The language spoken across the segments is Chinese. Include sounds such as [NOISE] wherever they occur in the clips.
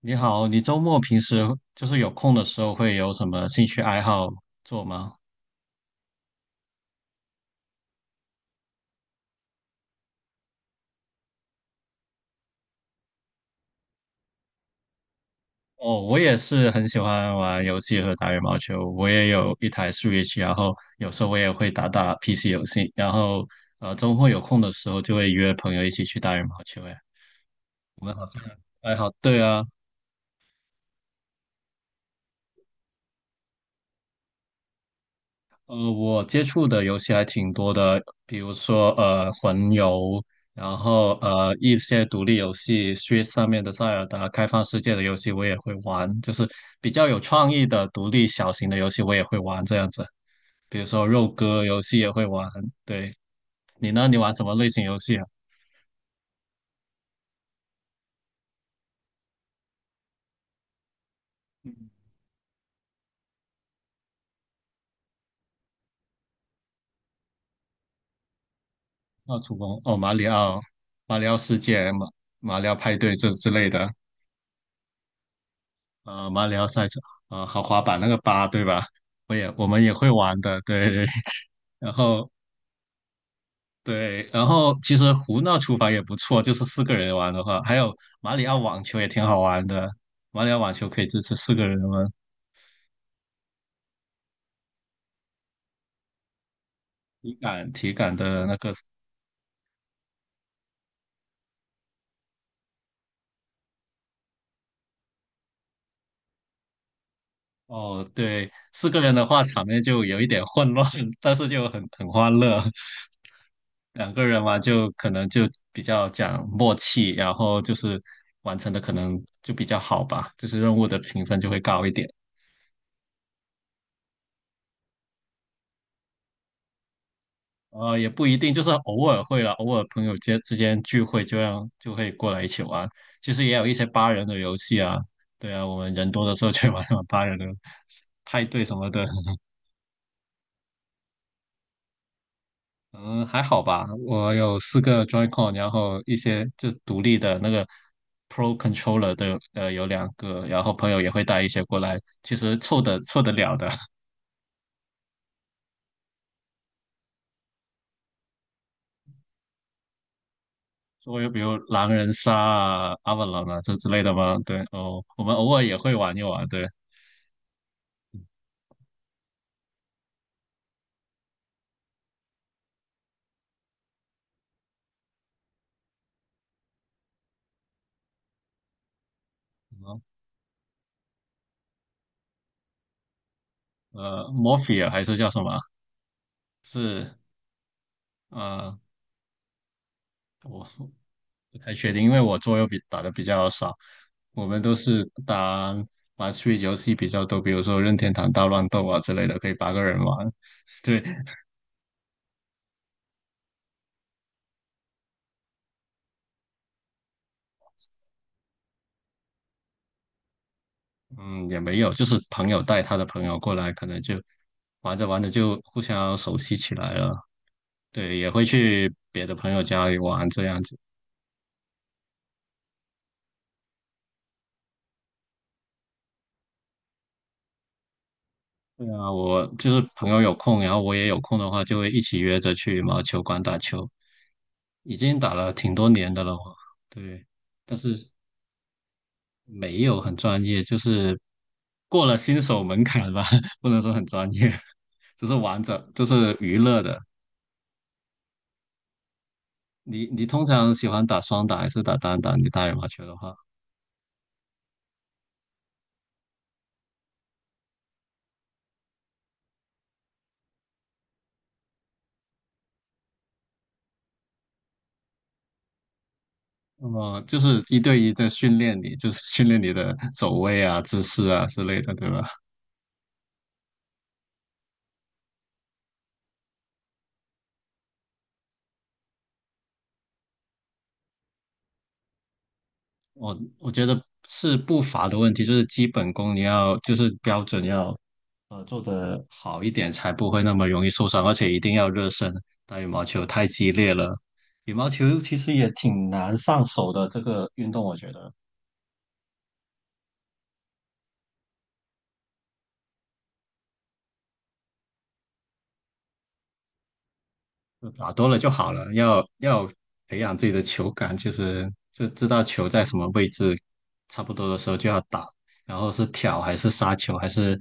你好，你周末平时就是有空的时候会有什么兴趣爱好做吗？哦，我也是很喜欢玩游戏和打羽毛球，我也有一台 Switch，然后有时候我也会打打 PC 游戏，然后周末有空的时候就会约朋友一起去打羽毛球。哎，我们好像爱好对啊，我接触的游戏还挺多的，比如说魂游，然后一些独立游戏，Switch 上面的塞尔达开放世界的游戏我也会玩，就是比较有创意的独立小型的游戏我也会玩这样子，比如说肉鸽游戏也会玩。对，你呢？你玩什么类型游戏啊？奥厨工哦，马里奥、马里奥世界、马里奥派对这之类的，马里奥赛车，豪华版那个八对吧？我们也会玩的，对。[LAUGHS] 然后对，然后其实胡闹厨房也不错，就是四个人玩的话，还有马里奥网球也挺好玩的。马里奥网球可以支持四个人玩，体感的那个哦，对，四个人的话场面就有一点混乱，[LAUGHS] 但是就很欢乐。两个人玩就可能就比较讲默契，然后就是完成的可能就比较好吧，就是任务的评分就会高一点。也不一定，就是偶尔会了，偶尔朋友间之间聚会，这样就会过来一起玩。其实也有一些八人的游戏啊，对啊，我们人多的时候去玩玩八人的派对什么的，嗯，还好吧。我有四个 Joy-Con，然后一些就独立的那个 Pro Controller 的，有两个，然后朋友也会带一些过来，其实凑得了的。[LAUGHS] 所以比如狼人杀啊、a v a l 啊这之类的嘛，对哦，我们偶尔也会玩一玩，对。Morphe 还是叫什么？是呃，我不太确定，因为我桌游比打的比较少，我们都是玩 s w 游戏比较多，比如说任天堂大乱斗啊之类的，可以8个人玩。[LAUGHS] 对，嗯，也没有，就是朋友带他的朋友过来，可能就玩着玩着就互相熟悉起来了。对，也会去别的朋友家里玩这样子。对啊，我就是朋友有空，然后我也有空的话，就会一起约着去毛球馆打球。已经打了挺多年的了我，对，但是没有很专业，就是过了新手门槛吧，[LAUGHS] 不能说很专业，[LAUGHS] 就是玩着，就是娱乐的。你通常喜欢打双打还是打单打？你打羽毛球的话，就是一对一在训练你，就是训练你的走位啊、姿势啊之类的，对吧？我觉得是步伐的问题，就是基本功你要就是标准要做得好一点，才不会那么容易受伤，而且一定要热身。打羽毛球太激烈了，羽毛球其实也挺难上手的这个运动，我觉得就打多了就好了，要培养自己的球感，就是就知道球在什么位置，差不多的时候就要打，然后是挑还是杀球还是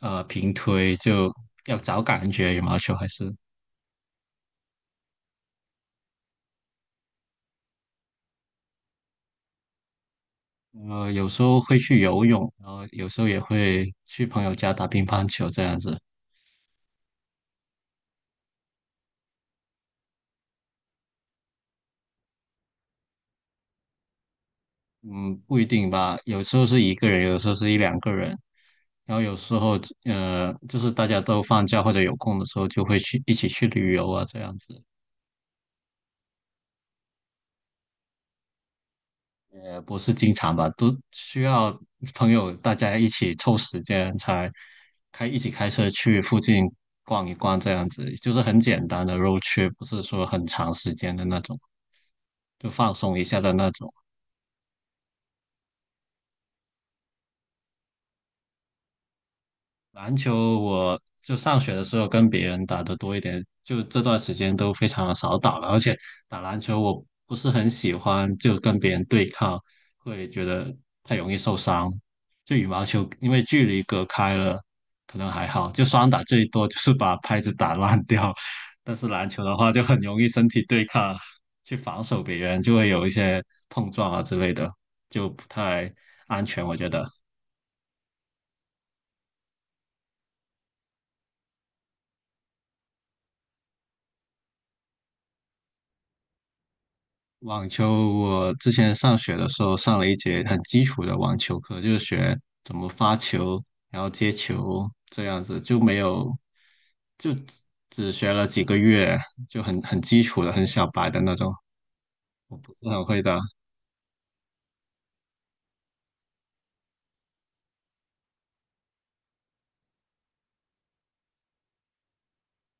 平推，就要找感觉羽毛球还是。有时候会去游泳，然后有时候也会去朋友家打乒乓球这样子。嗯，不一定吧，有时候是一个人，有时候是一两个人，然后有时候就是大家都放假或者有空的时候，就会去一起去旅游啊这样子。也不是经常吧，都需要朋友大家一起凑时间才一起开车去附近逛一逛这样子，就是很简单的 road trip，不是说很长时间的那种，就放松一下的那种。篮球我就上学的时候跟别人打的多一点，就这段时间都非常的少打了，而且打篮球我不是很喜欢，就跟别人对抗，会觉得太容易受伤。就羽毛球，因为距离隔开了，可能还好，就双打最多就是把拍子打烂掉，但是篮球的话就很容易身体对抗，去防守别人就会有一些碰撞啊之类的，就不太安全，我觉得。网球，我之前上学的时候上了一节很基础的网球课，就是学怎么发球，然后接球这样子，就没有，就只学了几个月，就很基础的、很小白的那种，不是很会的。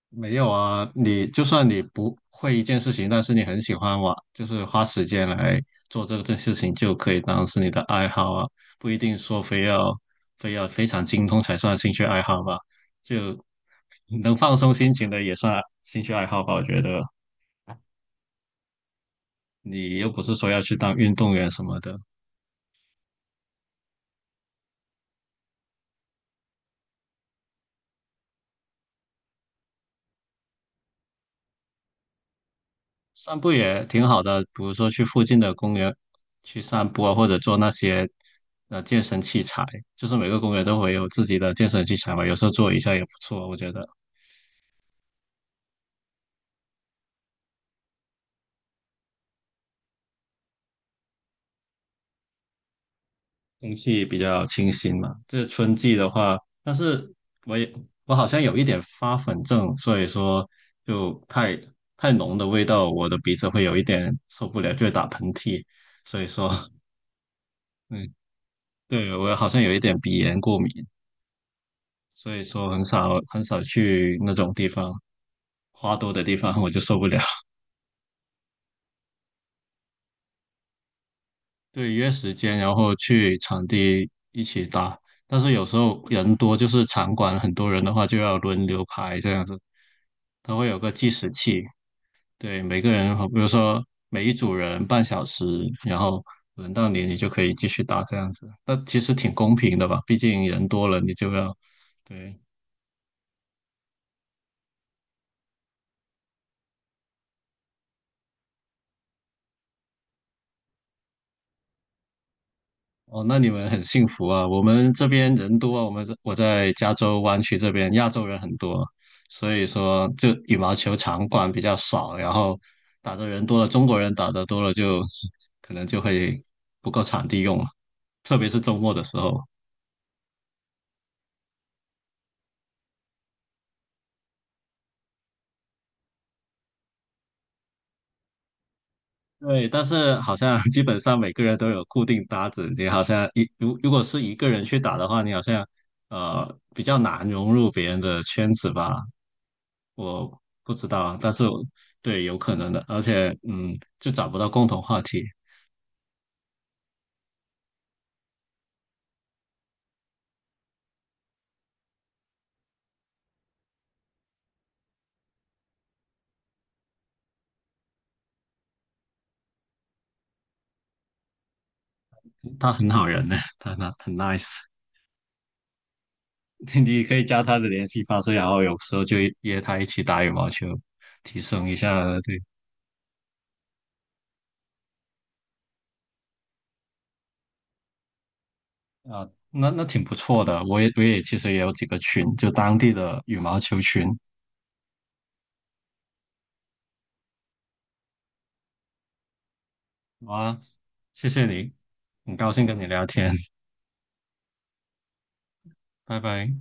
没有啊，你就算你不会一件事情，但是你很喜欢玩，就是花时间来做这件事情，就可以当是你的爱好啊，不一定说非要非常精通才算兴趣爱好吧。就能放松心情的也算兴趣爱好吧，我觉得你又不是说要去当运动员什么的，散步也挺好的，比如说去附近的公园去散步啊，或者做那些健身器材，就是每个公园都会有自己的健身器材嘛，有时候做一下也不错，我觉得。空气比较清新嘛。这春季的话，但是我也我好像有一点发粉症，所以说就太浓的味道，我的鼻子会有一点受不了，就会打喷嚏。所以说，[LAUGHS] 嗯，对，我好像有一点鼻炎过敏，所以说很少很少去那种地方，花多的地方我就受不了。对，约时间，然后去场地一起打。但是有时候人多，就是场馆很多人的话，就要轮流排这样子。它会有个计时器，对，每个人，好比如说每一组人半小时，然后轮到你，你就可以继续打这样子。那其实挺公平的吧？毕竟人多了，你就要，对，哦，那你们很幸福啊！我们这边人多啊，我们这我在加州湾区这边，亚洲人很多，所以说就羽毛球场馆比较少，然后打的人多了，中国人打的多了就，可能就会不够场地用了，特别是周末的时候。对，但是好像 [LAUGHS] 基本上每个人都有固定搭子，你好像如果是一个人去打的话，你好像比较难融入别人的圈子吧，我不知道，啊，但是我对有可能的，而且就找不到共同话题。他很好人呢，他很 nice，[LAUGHS] 你可以加他的联系方式，然后有时候就约他一起打羽毛球，提升一下对啊，那挺不错的。我也其实也有几个群，就当地的羽毛球群。好啊，谢谢你，很高兴跟你聊天，拜拜。